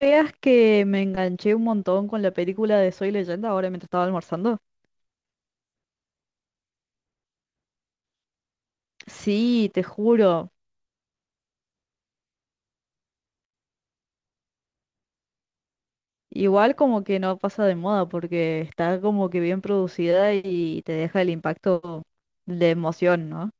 ¿Veas que me enganché un montón con la película de Soy Leyenda ahora mientras estaba almorzando? Sí, te juro. Igual como que no pasa de moda porque está como que bien producida y te deja el impacto de emoción, ¿no?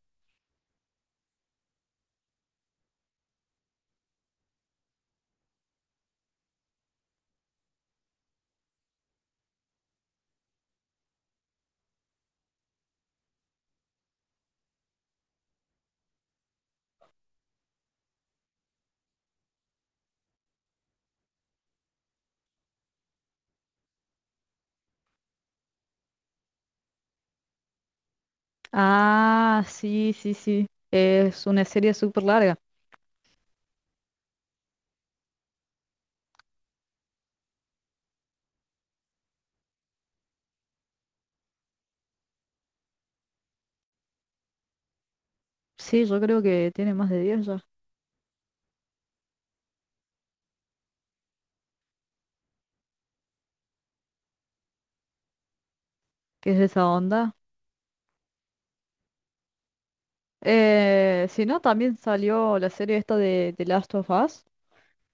Ah, sí, sí, sí. Es una serie súper larga. Sí, yo creo que tiene más de 10 ya, que es de esa onda. Si no, también salió la serie esta de The Last of Us,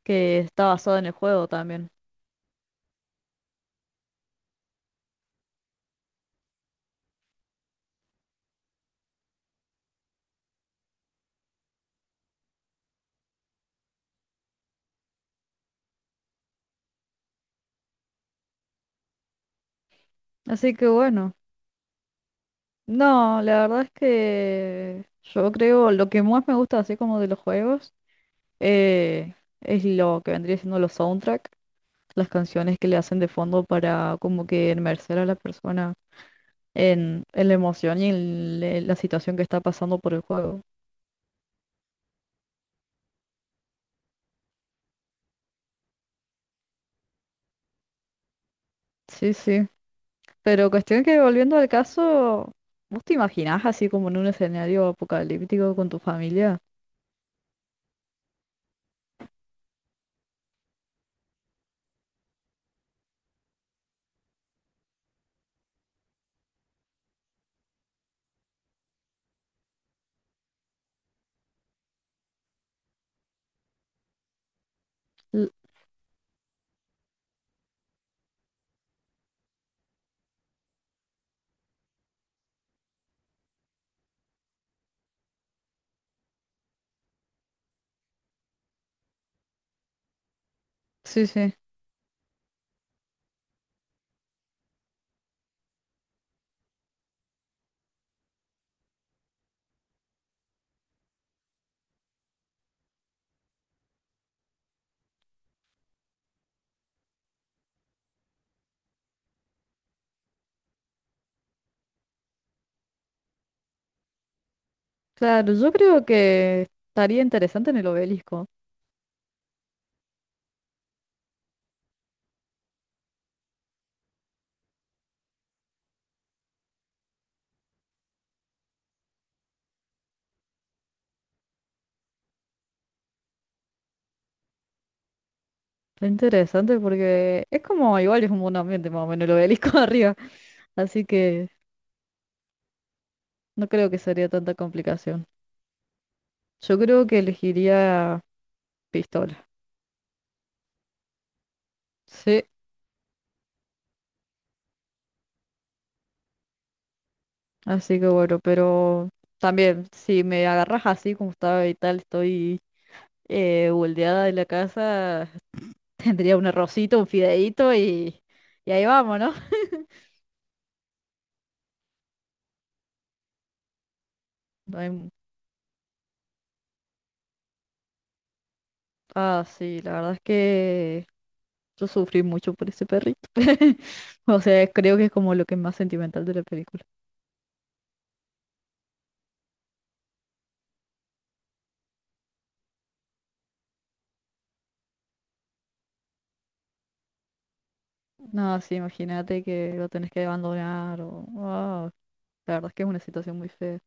que está basada en el juego también. Así que bueno. No, la verdad es que yo creo lo que más me gusta así como de los juegos eh, es lo que vendría siendo los soundtrack, las canciones que le hacen de fondo para como que inmersar a la persona en la emoción y en la situación que está pasando por el juego. Sí, sí. Pero cuestión que volviendo al caso, ¿vos te imaginás así como en un escenario apocalíptico con tu familia? L- sí, sí. Claro, yo creo que estaría interesante en el obelisco. Está interesante porque es como igual es como un buen ambiente más o menos el obelisco arriba, así que no creo que sería tanta complicación. Yo creo que elegiría pistola. Sí, así que bueno, pero también si me agarras así como estaba y tal, estoy boldeada de la casa, tendría un arrocito, un fideíto y ahí vamos, ¿no? No hay mu- Ah, sí, la verdad es que yo sufrí mucho por ese perrito. O sea, creo que es como lo que es más sentimental de la película. No, sí, imagínate que lo tenés que abandonar o wow, la verdad es que es una situación muy fea.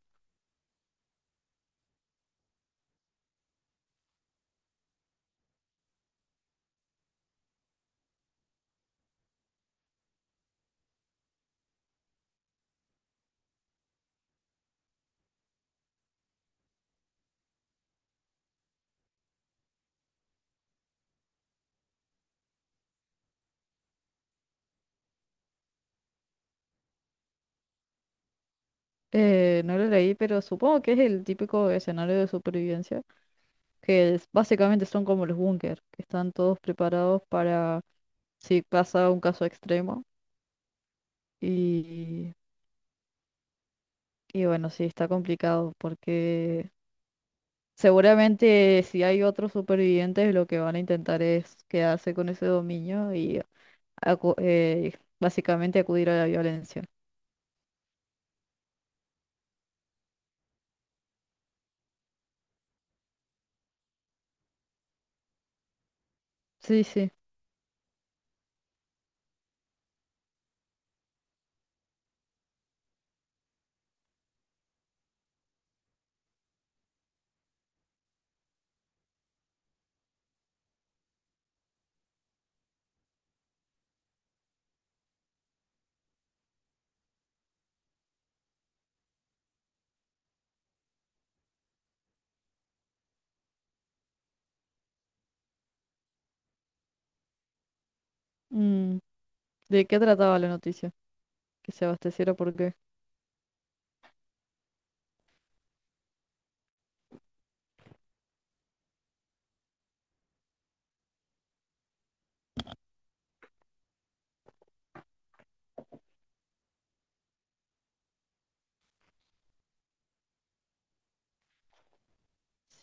No lo leí, pero supongo que es el típico escenario de supervivencia, básicamente son como los búnker, que están todos preparados para si pasa un caso extremo. Y, y bueno, sí, está complicado porque seguramente si hay otros supervivientes, lo que van a intentar es quedarse con ese dominio y acu- eh, básicamente acudir a la violencia. Sí, sí. Mm, ¿de qué trataba la noticia? ¿Que se abasteciera por qué?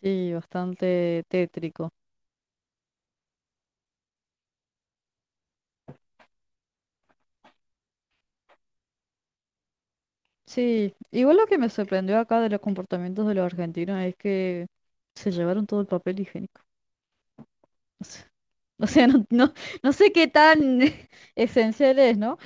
Sí, bastante tétrico. Sí, igual lo que me sorprendió acá de los comportamientos de los argentinos es que se llevaron todo el papel higiénico. O sea, no, no, no sé qué tan esencial es, ¿no?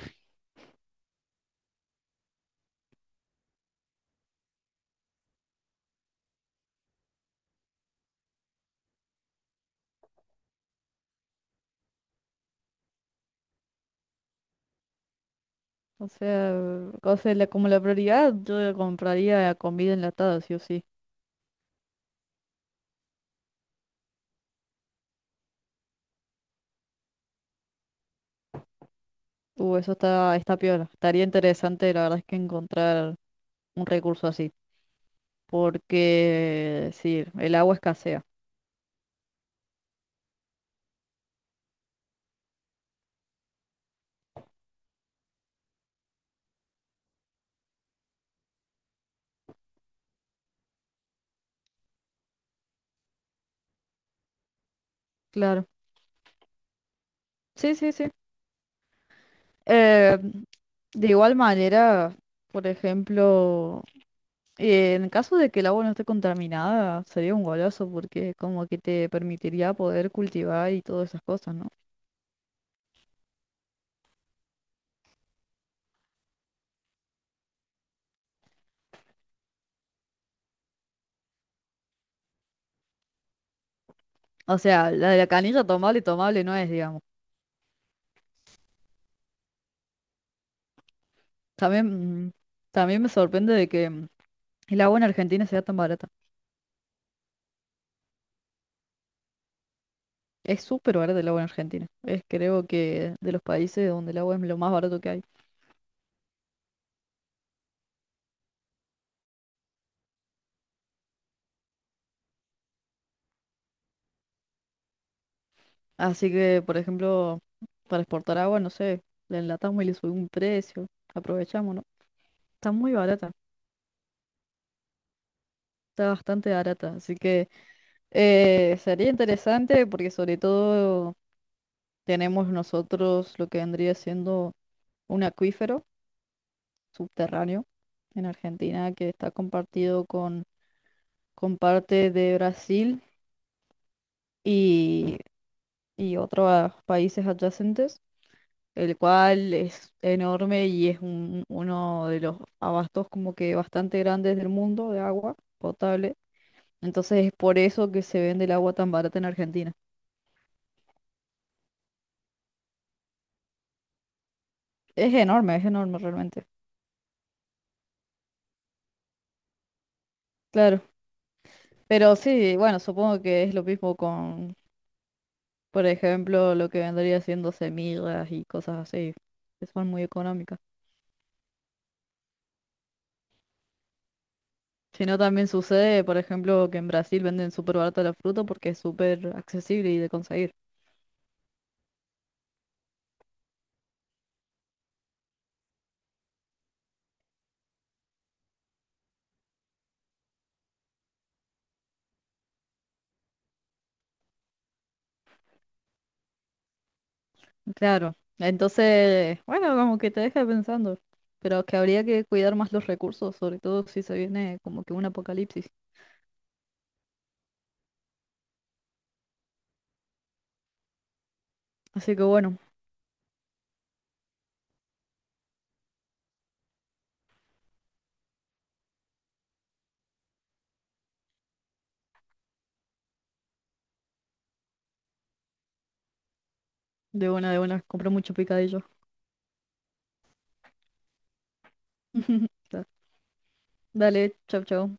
O sea, o sea, como la prioridad, yo compraría comida enlatada, sí o sí. Eso está, está piola. Estaría interesante, la verdad es que encontrar un recurso así. Porque, sí, el agua escasea. Claro, sí, sí, sí. Eh, de igual manera, por ejemplo, en caso de que el agua no esté contaminada, sería un golazo porque como que te permitiría poder cultivar y todas esas cosas, ¿no? O sea, la de la canilla tomable, tomable no es, digamos. También, mm, también me sorprende de que mm, el agua en Argentina sea tan barata. Es súper barata el agua en Argentina. Es creo que de los países donde el agua es lo más barato que hay. Así que, por ejemplo, para exportar agua, no sé, la enlatamos y le subimos un precio. Aprovechamos, ¿no? Está muy barata, está bastante barata. Así que sería interesante porque sobre todo tenemos nosotros lo que vendría siendo un acuífero subterráneo en Argentina que está compartido con parte de Brasil y, y otros países adyacentes. El cual es enorme y es uno de los abastos como que bastante grandes del mundo de agua potable. Entonces es por eso que se vende el agua tan barata en Argentina. Es enorme realmente. Claro. Pero sí, bueno, supongo que es lo mismo con, por ejemplo, lo que vendría siendo semillas y cosas así, que son muy económicas. Si no, también sucede, por ejemplo, que en Brasil venden súper barata la fruta porque es súper accesible y de conseguir. Claro, entonces, bueno, como que te deja pensando, pero que habría que cuidar más los recursos, sobre todo si se viene como que un apocalipsis. Así que bueno, de buena, compré mucho picadillo. Da- Dale, chau, chau.